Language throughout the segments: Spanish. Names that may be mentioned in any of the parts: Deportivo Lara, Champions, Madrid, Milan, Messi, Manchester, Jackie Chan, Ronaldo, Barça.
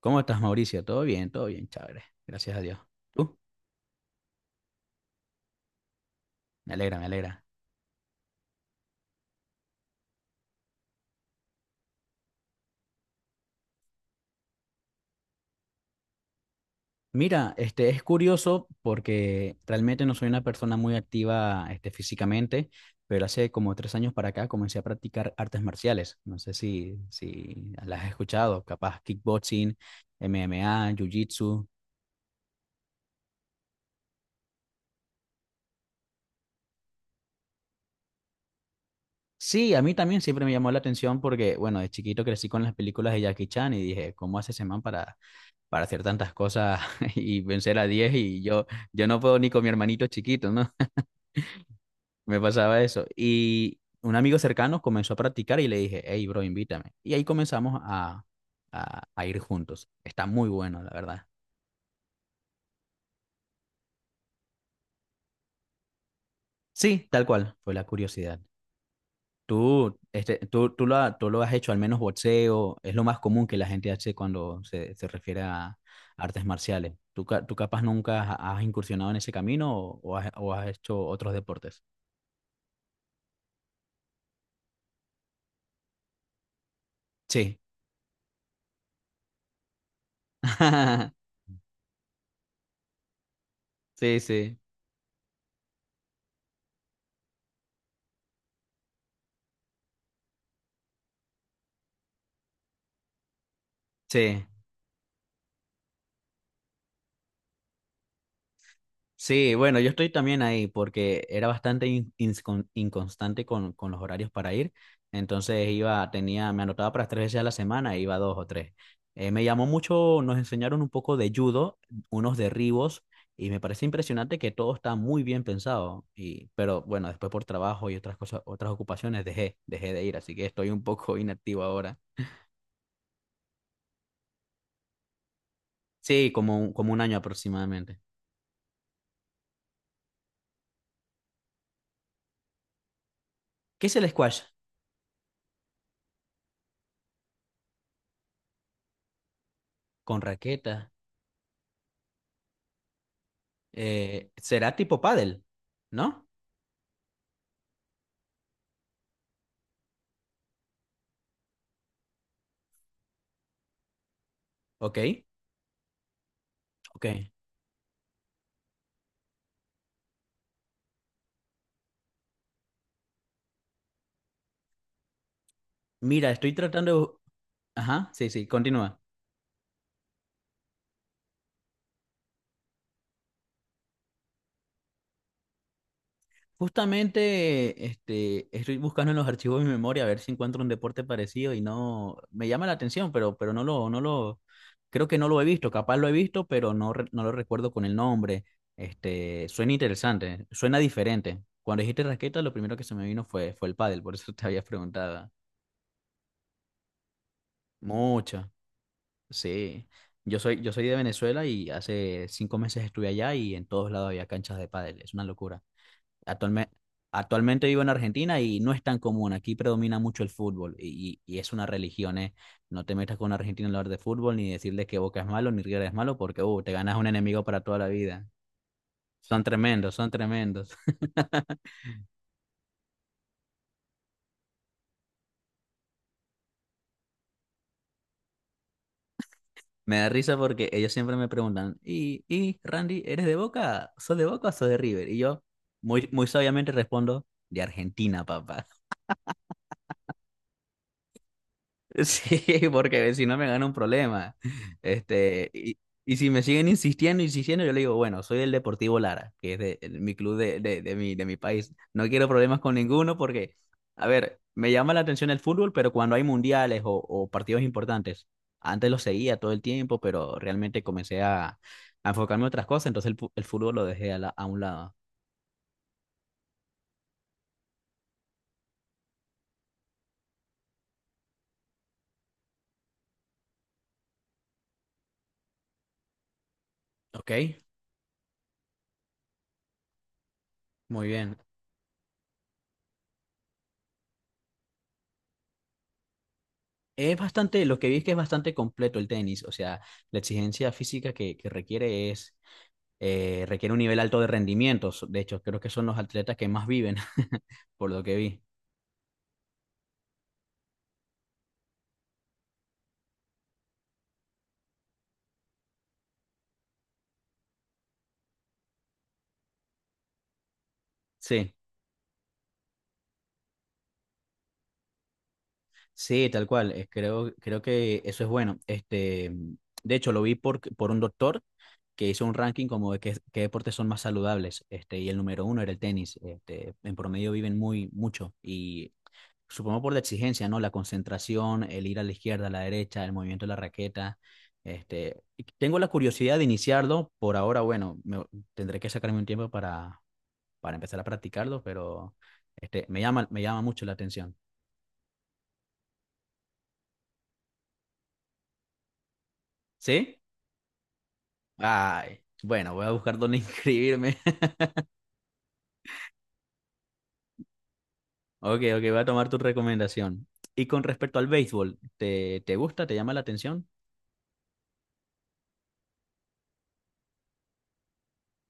¿Cómo estás, Mauricio? Todo bien, chévere. Gracias a Dios. ¿Tú? Me alegra, me alegra. Mira, este es curioso porque realmente no soy una persona muy activa, este, físicamente, pero hace como 3 años para acá comencé a practicar artes marciales. No sé si las has escuchado, capaz kickboxing, MMA, jiu-jitsu. Sí, a mí también siempre me llamó la atención porque, bueno, de chiquito crecí con las películas de Jackie Chan y dije, ¿cómo hace ese man para hacer tantas cosas y vencer a 10 y yo no puedo ni con mi hermanito chiquito, ¿no? Me pasaba eso. Y un amigo cercano comenzó a practicar y le dije, hey, bro, invítame. Y ahí comenzamos a ir juntos. Está muy bueno, la verdad. Sí, tal cual, fue la curiosidad. Tú, este, tú, lo, ha- tú lo has hecho, al menos boxeo, es lo más común que la gente hace cuando se refiere a artes marciales. ¿Tú capaz nunca has incursionado en ese camino o has hecho otros deportes? Sí, Sí, sí, sí, sí, bueno, yo estoy también ahí porque era bastante inconstante con los horarios para ir, entonces iba, tenía, me anotaba para tres veces a la semana e iba dos o tres. Me llamó mucho, nos enseñaron un poco de judo, unos derribos, y me parece impresionante que todo está muy bien pensado, pero bueno, después por trabajo y otras cosas, otras ocupaciones dejé de ir, así que estoy un poco inactivo ahora. Sí, como un año aproximadamente. ¿Qué es el squash? Con raqueta. Será tipo pádel, ¿no? Ok, ok. Mira, estoy tratando de... Ajá, sí, sí, continúa. Justamente, este, estoy buscando en los archivos de mi memoria a ver si encuentro un deporte parecido y no... Me llama la atención, pero no lo... Creo que no lo he visto, capaz lo he visto, pero no, no lo recuerdo con el nombre. Este, suena interesante, suena diferente. Cuando dijiste raqueta, lo primero que se me vino fue el pádel, por eso te había preguntado. Mucho. Sí, yo soy de Venezuela y hace 5 meses estuve allá y en todos lados había canchas de pádel, es una locura. Actualmente, actualmente vivo en Argentina y no es tan común, aquí predomina mucho el fútbol y es una religión, ¿eh? No te metas con un argentino a hablar de fútbol ni decirle que Boca es malo ni River es malo porque te ganas un enemigo para toda la vida. Son tremendos, son tremendos. Me da risa porque ellos siempre me preguntan, ¿y Randy, eres de Boca? ¿Sos de Boca o sos de River? Y yo muy, muy sabiamente respondo, de Argentina, papá. Sí, porque si no me gana un problema. Este, y si me siguen insistiendo, insistiendo, yo le digo, bueno, soy del Deportivo Lara, que es mi club de mi país. No quiero problemas con ninguno porque, a ver, me llama la atención el fútbol, pero cuando hay mundiales o partidos importantes, antes lo seguía todo el tiempo, pero realmente comencé a enfocarme en otras cosas, entonces el fútbol lo dejé a un lado. Ok, muy bien. Es bastante, lo que vi es que es bastante completo el tenis, o sea, la exigencia física que requiere requiere un nivel alto de rendimiento, de hecho, creo que son los atletas que más viven, por lo que vi. Sí, sí, tal cual, creo que eso es bueno. Este, de hecho, lo vi por un doctor que hizo un ranking como de qué deportes son más saludables, este, y el número uno era el tenis, este, en promedio viven muy, mucho, y supongo por la exigencia, ¿no? La concentración, el ir a la izquierda, a la derecha, el movimiento de la raqueta. Este, y tengo la curiosidad de iniciarlo. Por ahora, bueno, tendré que sacarme un tiempo para empezar a practicarlo, pero este, me llama mucho la atención. ¿Sí? Ay, bueno, voy a buscar dónde inscribirme. Ok, ok, voy a tomar tu recomendación. Y con respecto al béisbol, ¿te gusta? ¿Te llama la atención?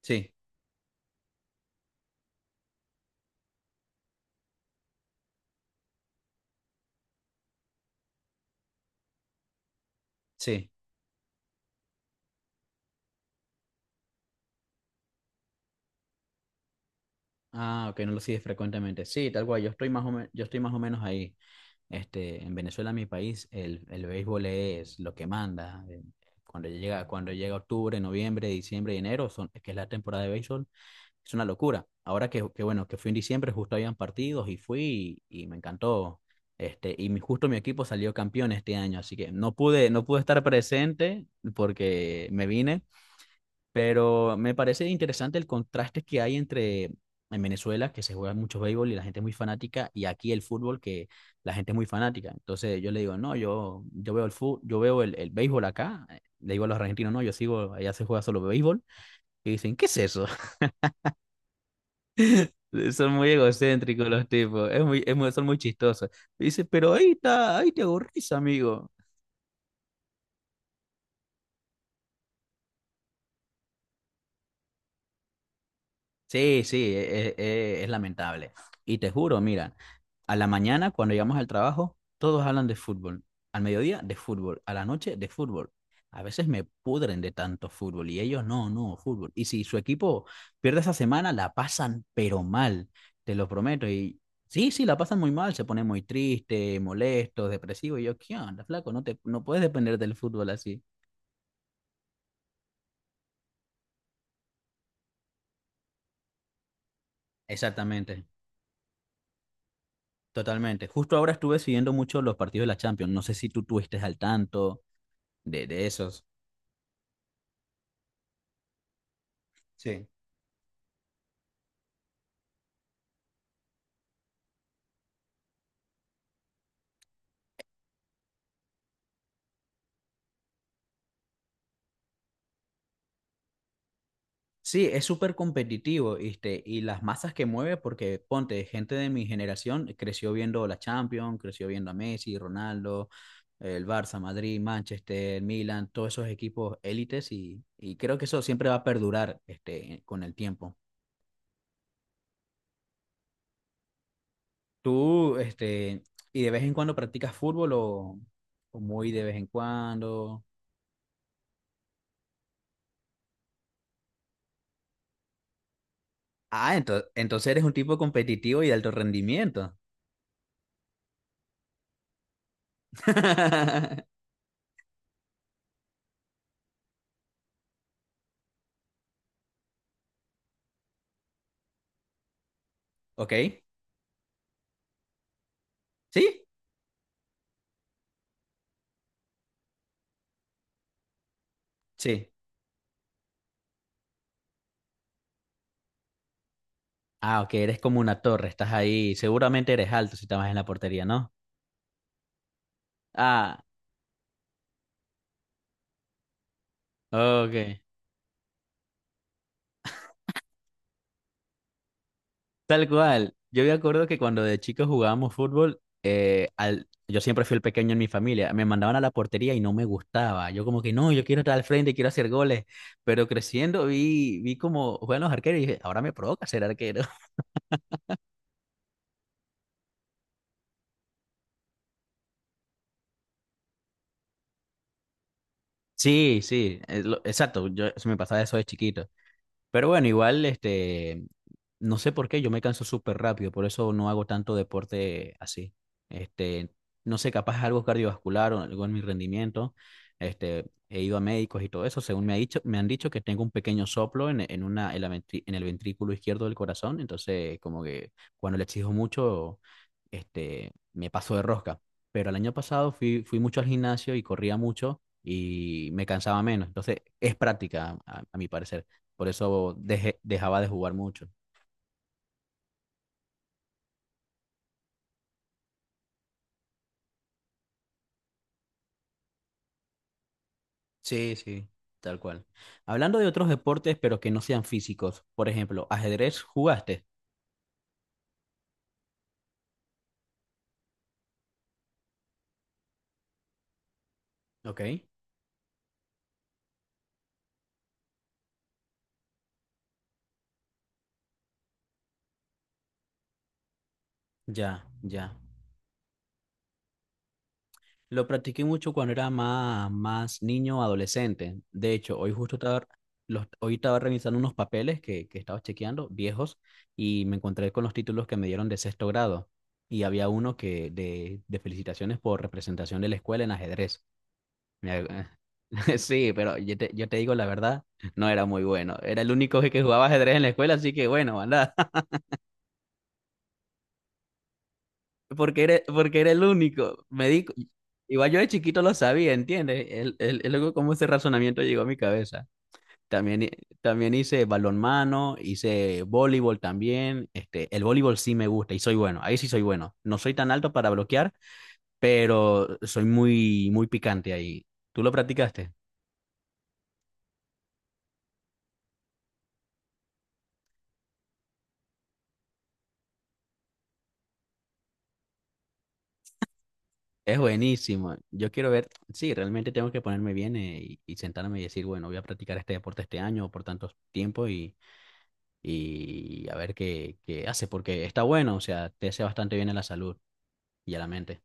Sí, sí. Ah, ok, no lo sigues frecuentemente. Sí, tal cual, yo estoy más o menos ahí. Este, en Venezuela, mi país, el béisbol es lo que manda. Cuando llega octubre, noviembre, diciembre y enero, que es la temporada de béisbol, es una locura. Ahora que bueno, que fui en diciembre, justo habían partidos y fui y me encantó. Este, justo mi equipo salió campeón este año, así que no pude estar presente porque me vine, pero me parece interesante el contraste que hay entre en Venezuela, que se juega mucho béisbol y la gente es muy fanática, y aquí el fútbol, que la gente es muy fanática. Entonces yo le digo, no, yo veo el fútbol, yo veo el béisbol acá. Le digo a los argentinos, no, yo sigo, allá se juega solo béisbol. Y dicen, ¿qué es eso? Son muy egocéntricos los tipos, son muy chistosos. Y dice, pero ahí está, ahí te aburrís, amigo. Sí, sí, es lamentable. Y te juro, mira, a la mañana cuando llegamos al trabajo, todos hablan de fútbol. Al mediodía, de fútbol. A la noche, de fútbol. A veces me pudren de tanto fútbol y ellos no, no, fútbol. Y si su equipo pierde esa semana, la pasan pero mal, te lo prometo. Y sí, sí, la pasan muy mal, se ponen muy tristes, molestos, depresivos. Y yo, ¿qué onda, flaco? No puedes depender del fútbol así. Exactamente. Totalmente. Justo ahora estuve siguiendo mucho los partidos de la Champions. No sé si tú estuviste al tanto de esos. Sí. Sí, es súper competitivo, ¿viste? Y las masas que mueve, porque ponte, gente de mi generación creció viendo la Champions, creció viendo a Messi, Ronaldo, el Barça, Madrid, Manchester, Milan, todos esos equipos élites y creo que eso siempre va a perdurar, este, con el tiempo. ¿Tú, este, y de vez en cuando practicas fútbol o muy de vez en cuando? Ah, entonces eres un tipo competitivo y de alto rendimiento. ¿Ok? ¿Sí? Sí. Ah, ok, eres como una torre, estás ahí. Seguramente eres alto si estabas en la portería, ¿no? Ah, ok. Tal cual. Yo me acuerdo que cuando de chicos jugábamos fútbol, yo siempre fui el pequeño en mi familia. Me mandaban a la portería y no me gustaba. Yo como que no, yo quiero estar al frente, quiero hacer goles. Pero creciendo vi cómo juegan los arqueros y dije, ahora me provoca ser arquero. Sí, sí, exacto. Yo se me pasaba eso de chiquito. Pero bueno, igual, este, no sé por qué, yo me canso súper rápido, por eso no hago tanto deporte así. Este, no sé, capaz algo cardiovascular o algo en mi rendimiento. Este, he ido a médicos y todo eso, según me han dicho que tengo un pequeño soplo en una, en la ventri- en el ventrículo izquierdo del corazón, entonces como que cuando le exijo mucho, este, me paso de rosca. Pero el año pasado fui mucho al gimnasio y corría mucho y me cansaba menos, entonces es práctica, a mi parecer. Por eso dejaba de jugar mucho. Sí, sí. Tal cual. Hablando de otros deportes, pero que no sean físicos. Por ejemplo, ajedrez, ¿jugaste? Ok. Ya, ya. Lo practiqué mucho cuando era más niño, adolescente. De hecho, hoy estaba revisando unos papeles que estaba chequeando, viejos, y me encontré con los títulos que me dieron de sexto grado. Y había uno que de felicitaciones por representación de la escuela en ajedrez. Me ac- Sí, pero yo te digo la verdad, no era muy bueno. Era el único que jugaba ajedrez en la escuela, así que bueno, anda. Porque era el único. Igual yo de chiquito lo sabía, ¿entiendes? Luego cómo ese razonamiento llegó a mi cabeza. También, hi- también hice balonmano, hice voleibol también. Este, el voleibol sí me gusta y soy bueno. Ahí sí soy bueno. No soy tan alto para bloquear, pero soy muy, muy picante ahí. ¿Tú lo practicaste? Es buenísimo. Yo quiero ver, sí, realmente tengo que ponerme bien y sentarme y decir, bueno, voy a practicar este deporte este año o por tanto tiempo y a ver qué hace, porque está bueno, o sea, te hace bastante bien a la salud y a la mente.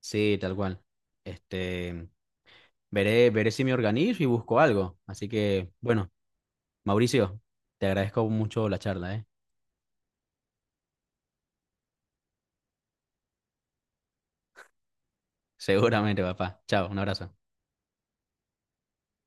Sí, tal cual. Este, veré si me organizo y busco algo. Así que, bueno, Mauricio, te agradezco mucho la charla, ¿eh? Seguramente, papá. Chao, un abrazo.